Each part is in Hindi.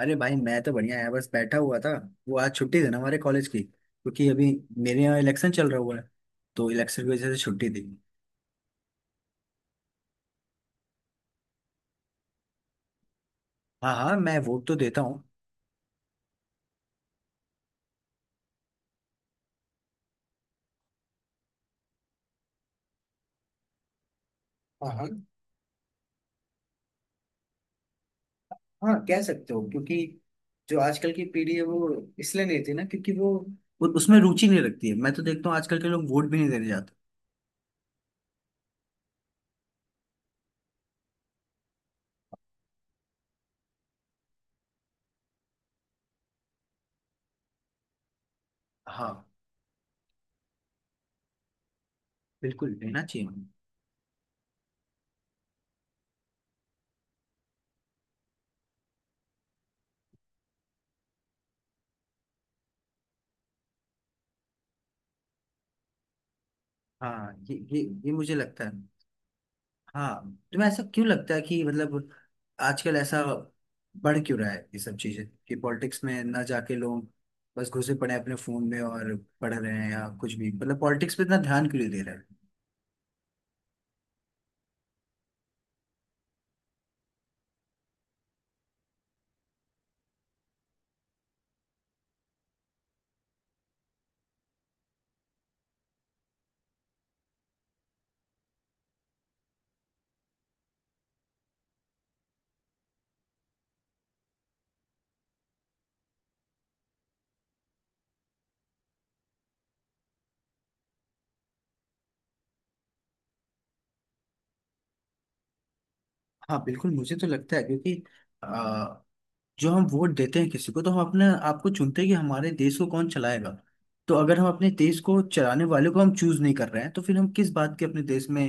अरे भाई, मैं तो बढ़िया है। बस बैठा हुआ था। वो आज छुट्टी थी ना हमारे कॉलेज की, क्योंकि अभी मेरे यहाँ इलेक्शन चल रहा हुआ है। तो इलेक्शन की वजह से छुट्टी थी। हाँ हाँ, मैं वोट तो देता हूँ। हाँ हाँ। हाँ, कह सकते हो, क्योंकि जो आजकल की पीढ़ी है वो इसलिए नहीं थी ना, क्योंकि वो उसमें रुचि नहीं रखती है। मैं तो देखता हूँ आजकल के लोग वोट भी नहीं देने जाते। हाँ, बिल्कुल देना चाहिए उन्हें। हाँ ये मुझे लगता है। हाँ, तुम्हें ऐसा क्यों लगता है कि मतलब आजकल ऐसा बढ़ क्यों रहा है ये सब चीजें, कि पॉलिटिक्स में ना जाके लोग बस घुसे पड़े हैं अपने फोन में और पढ़ रहे हैं या कुछ भी, मतलब पॉलिटिक्स पे इतना ध्यान क्यों नहीं दे रहे हैं। हाँ, बिल्कुल मुझे तो लगता है, क्योंकि जो हम वोट देते हैं किसी को, तो हम अपने आपको चुनते हैं कि हमारे देश को कौन चलाएगा। तो अगर हम अपने देश को चलाने वाले को हम चूज नहीं कर रहे हैं, तो फिर हम किस बात की अपने देश में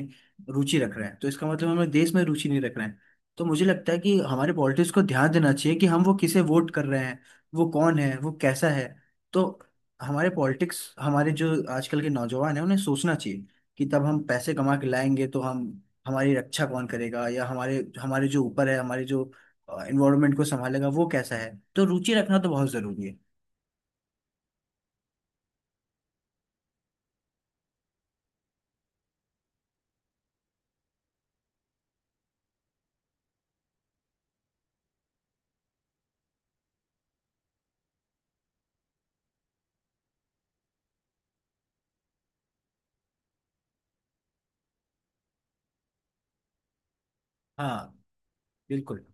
रुचि रख रहे हैं। तो इसका मतलब हमें देश में रुचि नहीं रख रहे हैं। तो मुझे लगता है कि हमारे पॉलिटिक्स को ध्यान देना चाहिए कि हम वो किसे वोट कर रहे हैं, वो कौन है, वो कैसा है। तो हमारे पॉलिटिक्स, हमारे जो आजकल के नौजवान हैं उन्हें सोचना चाहिए कि तब हम पैसे कमा के लाएंगे तो हम हमारी रक्षा कौन करेगा, या हमारे हमारे जो ऊपर है, हमारे जो इन्वायरमेंट को संभालेगा वो कैसा है। तो रुचि रखना तो बहुत जरूरी है। हाँ, बिल्कुल।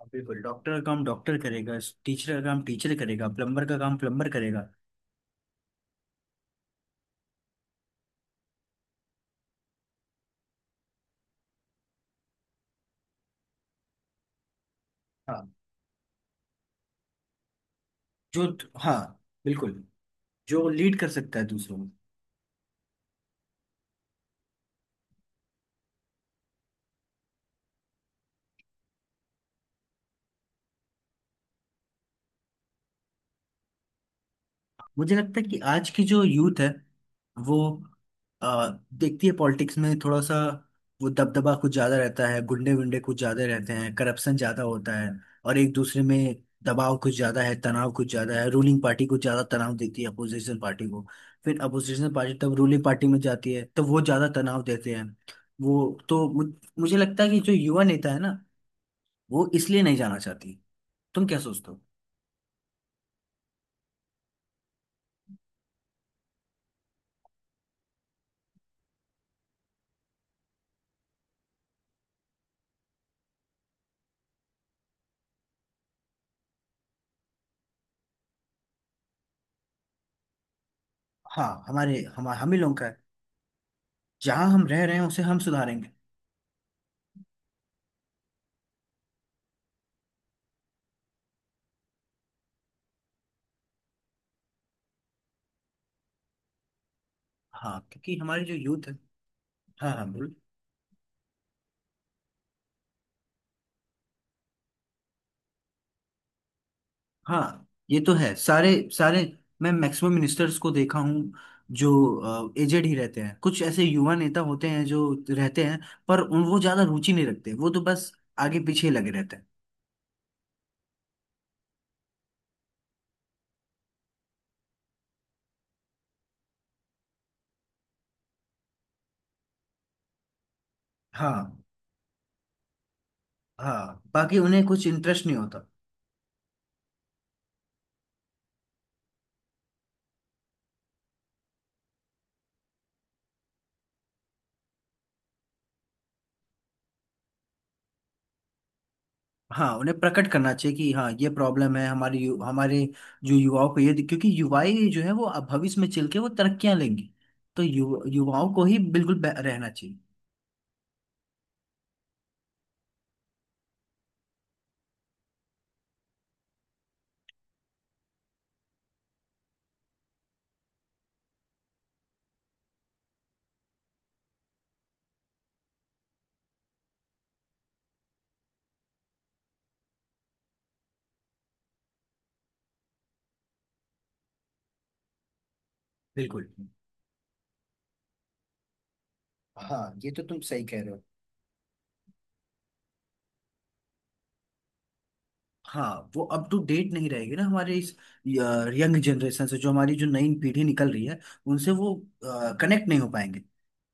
हाँ, बिल्कुल डॉक्टर का काम डॉक्टर करेगा, टीचर का काम टीचर करेगा, प्लम्बर का काम प्लम्बर करेगा। हाँ। जो, हाँ बिल्कुल, जो लीड कर सकता है दूसरों को। मुझे लगता है कि आज की जो यूथ है वो आ, देखती है पॉलिटिक्स में थोड़ा सा वो दबदबा कुछ ज़्यादा रहता है, गुंडे वुंडे कुछ ज़्यादा रहते हैं, करप्शन ज़्यादा होता है, और एक दूसरे में दबाव कुछ ज़्यादा है, तनाव कुछ ज़्यादा है। रूलिंग पार्टी कुछ ज़्यादा तनाव देती है अपोजिशन पार्टी को, फिर अपोजिशन पार्टी तब रूलिंग पार्टी में जाती है तो वो ज़्यादा तनाव देते हैं। वो तो मु- मुझे लगता है कि जो युवा नेता है ना वो इसलिए नहीं जाना चाहती। तुम क्या सोचते हो। हाँ, हमारे, हम ही लोगों का है। जहाँ हम रह रहे हैं उसे हम सुधारेंगे। हाँ, क्योंकि हमारे जो यूथ है। हाँ हाँ, बोल। हाँ, ये तो है। सारे, सारे, मैं मैक्सिमम मिनिस्टर्स को देखा हूँ जो एजेड ही रहते हैं। कुछ ऐसे युवा नेता होते हैं जो रहते हैं, पर उन वो ज्यादा रुचि नहीं रखते, वो तो बस आगे पीछे लगे रहते हैं। हाँ। हाँ, बाकी उन्हें कुछ इंटरेस्ट नहीं होता। हाँ, उन्हें प्रकट करना चाहिए कि हाँ ये प्रॉब्लम है हमारे हमारे जो युवाओं को, ये क्योंकि युवाएं जो है वो अब भविष्य में चल के वो तरक्कियां लेंगी। तो युवाओं को ही बिल्कुल रहना चाहिए। बिल्कुल। हाँ, ये तो तुम सही कह रहे हो। हाँ, वो अप टू डेट नहीं रहेगी ना हमारे इस यंग जनरेशन से। जो हमारी जो नई पीढ़ी निकल रही है उनसे वो कनेक्ट नहीं हो पाएंगे।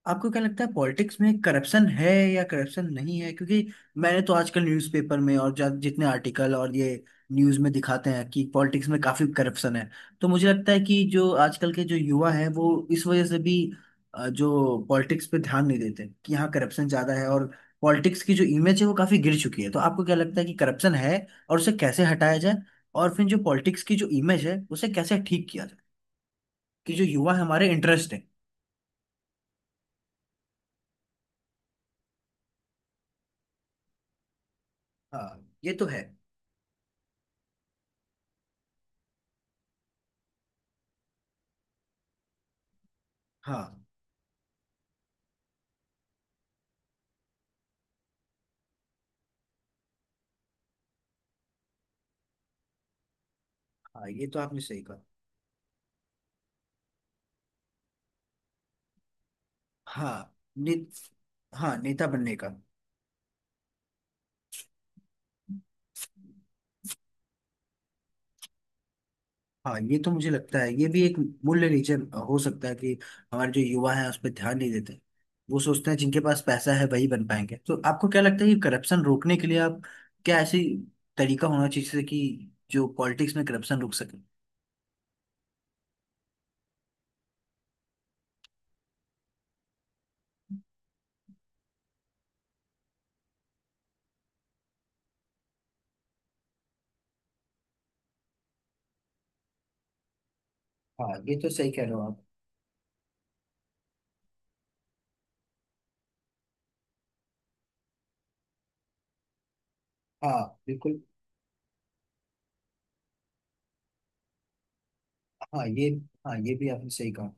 आपको क्या लगता है, पॉलिटिक्स में करप्शन है या करप्शन नहीं है, क्योंकि मैंने तो आजकल न्यूज़पेपर में और जितने आर्टिकल और ये न्यूज़ में दिखाते हैं कि पॉलिटिक्स में काफी करप्शन है। तो मुझे लगता है कि जो आजकल के जो युवा हैं वो इस वजह से भी जो पॉलिटिक्स पे ध्यान नहीं देते, कि यहाँ करप्शन ज्यादा है और पॉलिटिक्स की जो इमेज है वो काफी गिर चुकी है। तो आपको क्या लगता है कि करप्शन है और उसे कैसे हटाया जाए, और फिर जो पॉलिटिक्स की जो इमेज है उसे कैसे ठीक किया जाए कि जो युवा है हमारे इंटरेस्ट है। हाँ, ये तो है। हाँ। हाँ, ये तो आपने सही कहा। हाँ ने, हाँ, नेता बनने का। हाँ, ये तो मुझे लगता है ये भी एक मूल्य रीजन हो सकता है कि हमारे जो युवा हैं उस पर ध्यान नहीं देते। वो सोचते हैं जिनके पास पैसा है वही बन पाएंगे। तो आपको क्या लगता है कि करप्शन रोकने के लिए आप क्या ऐसी तरीका होना चाहिए जिससे कि जो पॉलिटिक्स में करप्शन रुक सके। हाँ, ये तो सही कह रहे हो आप। हाँ, बिल्कुल। हाँ ये, हाँ, ये भी आपने सही कहा।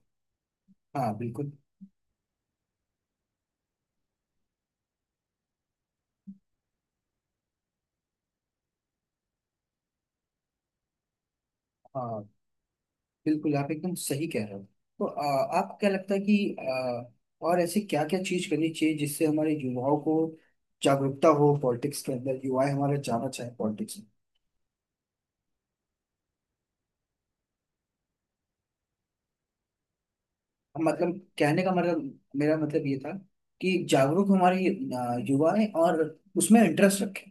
हाँ, बिल्कुल। हाँ, बिल्कुल आप एकदम सही कह रहे हो। तो आपको क्या लगता है कि और ऐसी क्या क्या चीज करनी चाहिए जिससे हमारे युवाओं को जागरूकता हो पॉलिटिक्स के अंदर, युवा हमारा जाना चाहे पॉलिटिक्स में। मतलब कहने का मतलब, मेरा मतलब ये था कि जागरूक हमारे युवा है और उसमें इंटरेस्ट रखें।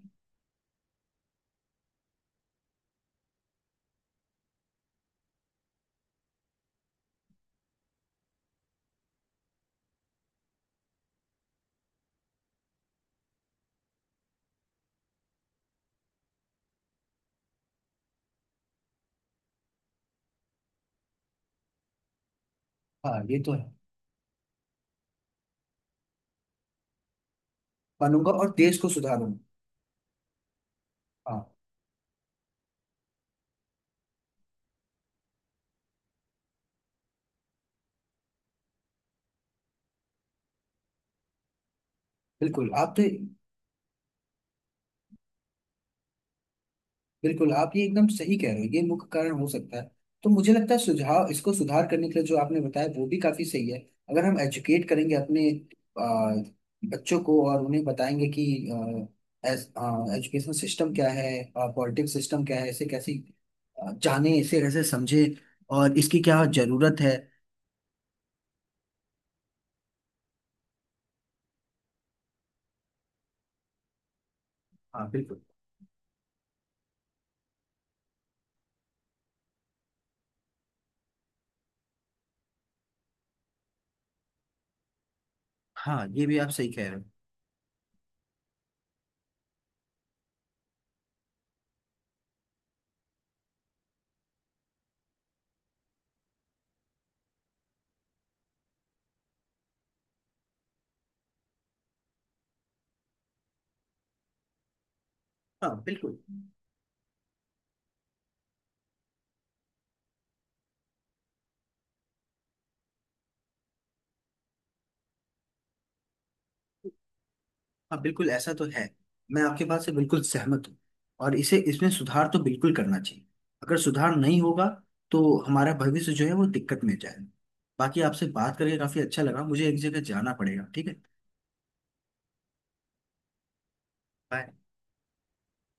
हाँ, ये तो है। बनूंगा और देश को सुधारूंगा। हाँ, बिल्कुल आप तो। बिल्कुल, आप ये एकदम सही कह रहे हो। ये मुख्य कारण हो सकता है। तो मुझे लगता है सुझाव इसको सुधार करने के लिए जो आपने बताया वो भी काफी सही है। अगर हम एजुकेट करेंगे अपने आ, बच्चों को और उन्हें बताएंगे कि एजुकेशन सिस्टम क्या है, पॉलिटिक्स सिस्टम क्या है, इसे कैसे जाने, इसे कैसे समझे और इसकी क्या जरूरत है। हाँ, बिल्कुल। हाँ, ये भी आप सही कह रहे हो। हाँ, बिल्कुल। हाँ, बिल्कुल ऐसा तो है। मैं आपके बात से बिल्कुल सहमत हूँ। और इसे इसमें सुधार तो बिल्कुल करना चाहिए। अगर सुधार नहीं होगा तो हमारा भविष्य जो है वो दिक्कत में जाएगा। बाकी आपसे बात करके काफी अच्छा लगा। मुझे एक जगह जाना पड़ेगा, ठीक है। Bye.